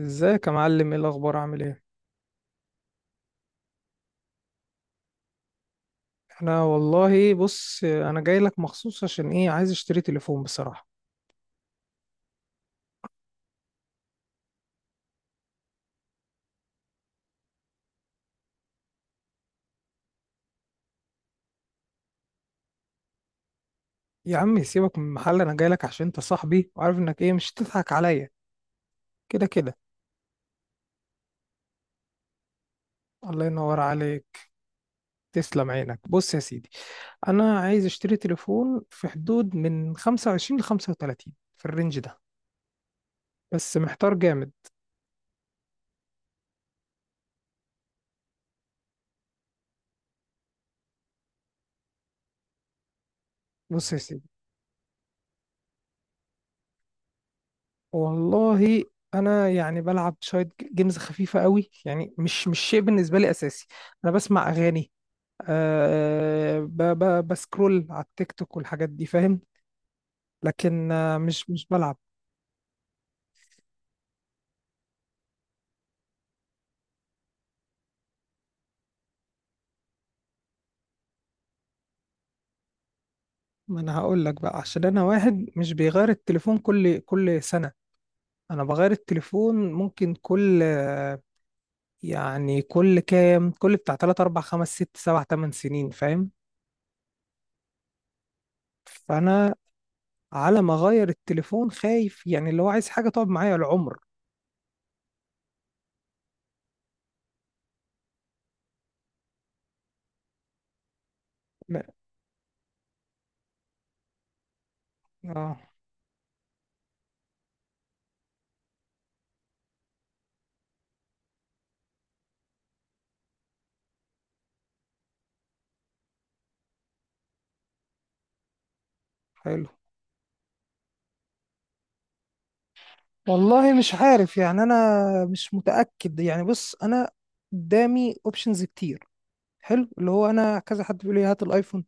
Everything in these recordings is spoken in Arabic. ازيك يا معلم؟ ايه الاخبار؟ عامل ايه؟ انا والله بص انا جاي لك مخصوص عشان ايه؟ عايز اشتري تليفون بصراحه. يا عم سيبك من المحل، انا جاي لك عشان انت صاحبي وعارف انك ايه، مش هتضحك عليا كده كده. الله ينور عليك. تسلم عينك. بص يا سيدي، انا عايز اشتري تليفون في حدود من 25 ل 35، في الرينج ده، بس محتار جامد. بص يا سيدي، والله انا يعني بلعب شويه جيمز خفيفه قوي، يعني مش شيء بالنسبه لي اساسي. انا بسمع اغاني، أه ب ب بسكرول على التيك توك والحاجات دي فاهم. لكن مش بلعب. ما انا هقول لك بقى، عشان انا واحد مش بيغير التليفون كل سنة. انا بغير التليفون ممكن كل يعني كل كام، كل بتاع 3 4 5 6 7 8 سنين، فاهم. فانا على ما اغير التليفون خايف، يعني اللي هو عايز حاجة تقعد معايا العمر. ما- اه، حلو. والله مش عارف يعني، انا مش متاكد يعني، بص انا قدامي اوبشنز كتير. حلو، اللي هو انا كذا حد بيقول لي هات الايفون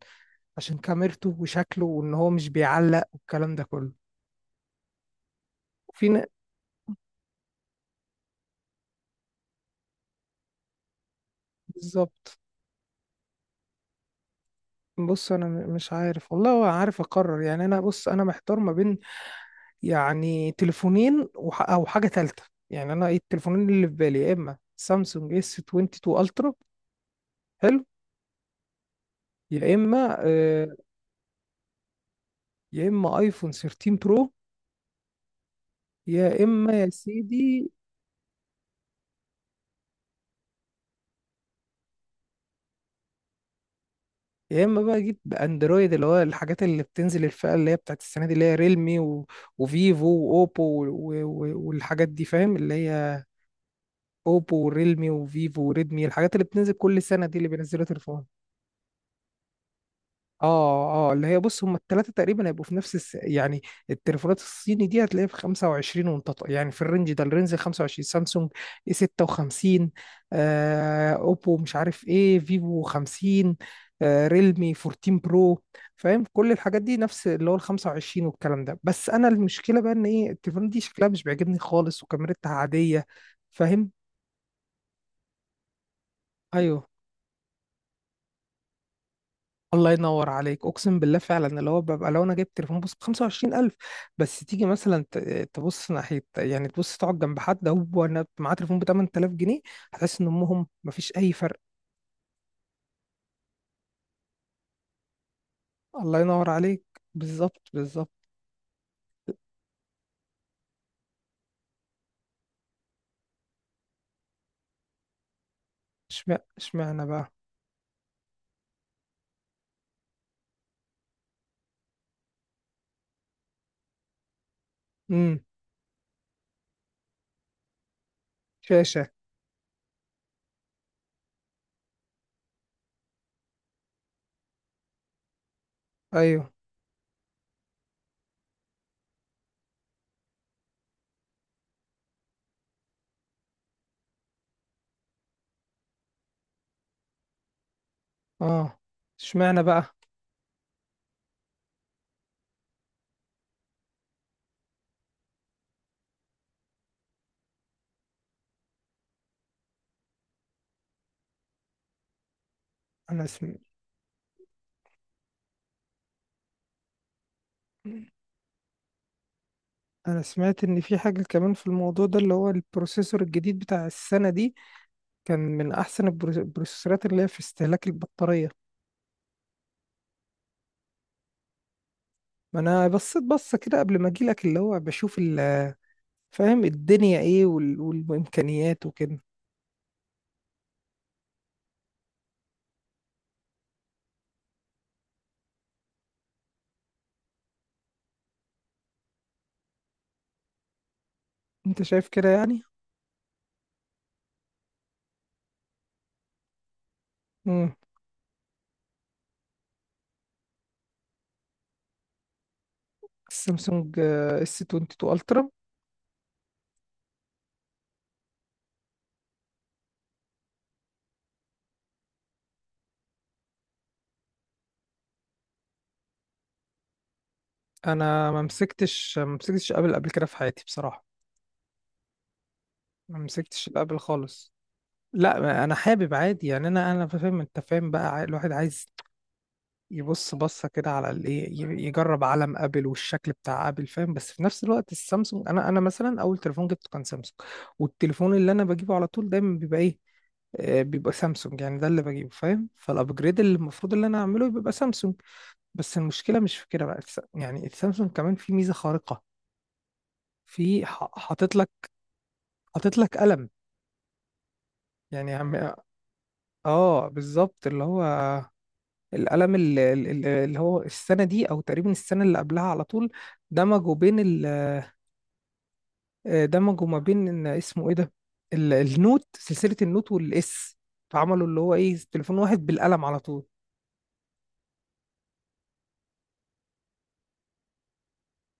عشان كاميرته وشكله وان هو مش بيعلق والكلام ده كله. في ن- بالظبط. بص انا مش عارف والله، ولا عارف اقرر يعني، انا بص انا محتار ما بين، يعني تليفونين او حاجه ثالثه. يعني انا ايه التليفونين اللي في بالي؟ يا اما سامسونج اس 22 الترا، حلو، يا اما يا اما ايفون 13 برو، يا اما يا سيدي، يا اما بقى جيت باندرويد، اللي هو الحاجات اللي بتنزل الفئه اللي هي بتاعت السنه دي، اللي هي ريلمي، و... وفيفو واوبو والحاجات دي فاهم، اللي هي اوبو وريلمي وفيفو وريدمي، الحاجات اللي بتنزل كل سنه دي اللي بينزلوا تليفون. اه، اه، اللي هي بص، هم الثلاثه تقريبا هيبقوا في نفس يعني، التليفونات الصيني دي هتلاقيها في 25، وانت يعني في الرينج ده، الرينج 25: سامسونج اي 56، اوبو مش عارف ايه، فيفو 50، ريلمي 14 برو، فاهم، كل الحاجات دي نفس اللي هو ال 25 والكلام ده. بس انا المشكله بقى ان ايه، التليفونات دي شكلها مش بيعجبني خالص وكاميرتها عاديه، فاهم. ايوه. الله ينور عليك، اقسم بالله فعلا، اللي هو ببقى لو انا جايب تليفون بص ب 25,000، بس تيجي مثلا تبص ناحيه، يعني تبص تقعد جنب حد هو أنا معاه تليفون ب 8000 جنيه، هتحس ان امهم مفيش اي فرق. الله ينور عليك، بالظبط، بالظبط. اشمعنى اشمعنى بقى؟ امم. شاشه. ايوه. اه، اشمعنى بقى؟ انا سم... انا سمعت ان في حاجه كمان في الموضوع ده، اللي هو البروسيسور الجديد بتاع السنه دي، كان من احسن البروسيسورات اللي هي في استهلاك البطاريه. ما انا بصيت بصه كده قبل ما اجيلك، اللي هو بشوف فاهم، الدنيا ايه والامكانيات وكده. انت شايف كده يعني. امم. السامسونج اس 22 الترا. انا ما مسكتش ابل قبل كده في حياتي بصراحه، ما مسكتش الابل خالص. لا، ما انا حابب عادي يعني، انا فاهم، انت فاهم بقى، الواحد عايز يبص بصه كده على الايه، يجرب علم ابل والشكل بتاع ابل فاهم. بس في نفس الوقت السامسونج، انا مثلا اول تليفون جبته كان سامسونج، والتليفون اللي انا بجيبه على طول دايما بيبقى ايه، بيبقى سامسونج، يعني ده اللي بجيبه فاهم. فالابجريد اللي المفروض اللي انا اعمله بيبقى سامسونج. بس المشكله مش في كده بقى، يعني السامسونج كمان في ميزه خارقه، في حاطط لك قلم، يعني اه بالظبط، اللي هو القلم اللي هو السنة دي أو تقريبا السنة اللي قبلها، على طول دمجوا بين ال- آه، دمجوا ما بين، إن اسمه إيه ده، النوت، سلسلة النوت والإس، فعملوا اللي هو إيه، تليفون واحد بالقلم على طول.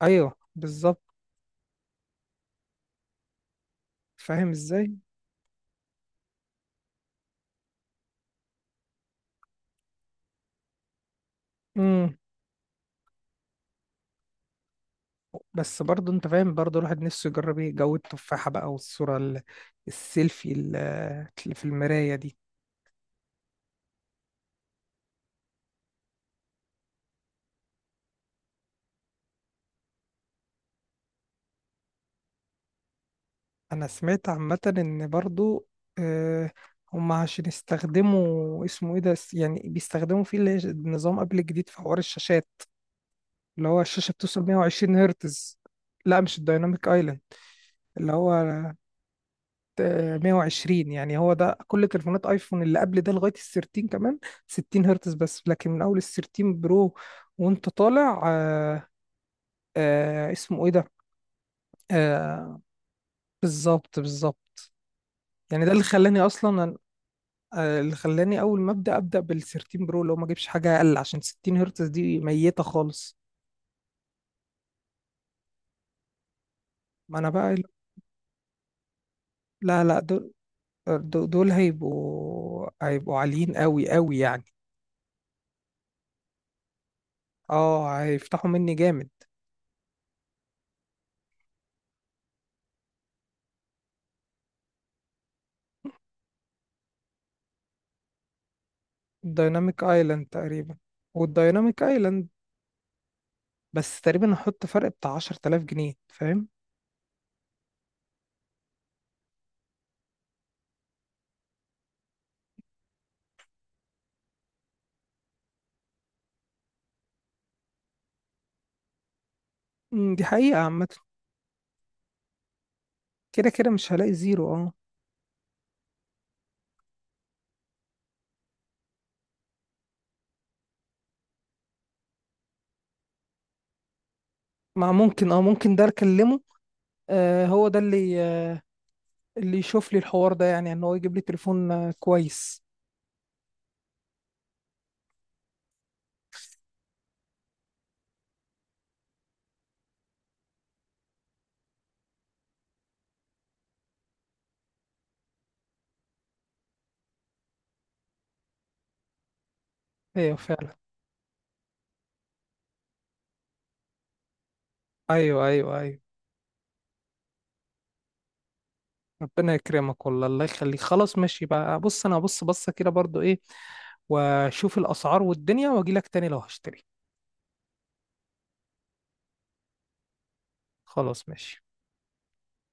أيوه بالظبط. فاهم إزاي؟ امم. بس برضه أنت فاهم، برضه الواحد نفسه يجرب إيه جو التفاحة بقى، والصورة السيلفي اللي في المراية دي. انا سمعت عامة ان برضو، آه، هم عشان يستخدموا اسمه ايه ده، يعني بيستخدموا فيه اللي هي نظام ابل جديد في حوار الشاشات، اللي هو الشاشة بتوصل 120 هرتز. لا مش الدايناميك ايلاند، اللي هو 120، يعني هو ده، كل تليفونات ايفون اللي قبل ده لغاية ال 13 كمان 60 هرتز بس، لكن من اول ال 13 برو وانت طالع، اسمه ايه ده، آه، بالظبط بالظبط، يعني ده اللي خلاني اصلا اللي خلاني اول ما ابدا بال 13 برو، اللي هو ما اجيبش حاجه اقل، عشان 60 هرتز دي ميته خالص. ما انا بقى، لا لا، دول هيبقوا عاليين قوي قوي يعني. اه، هيفتحوا مني جامد. الدايناميك ايلاند تقريبا، والدايناميك ايلاند. بس تقريبا هحط فرق بتاع 10000 جنيه فاهم. مم، دي حقيقه عامه. كده كده مش هلاقي زيرو، اه. ما ممكن، اه ممكن ده اكلمه. آه هو ده اللي يشوف لي الحوار ده، يعني ان هو يجيب لي تليفون كويس. ايوه فعلا. ايوه، ايوه، ايوه. ربنا يكرمك والله. الله يخليك. خلاص ماشي بقى، بص انا هبص بصه كده برضو، ايه، واشوف الاسعار والدنيا واجي لك تاني لو هشتري. خلاص ماشي.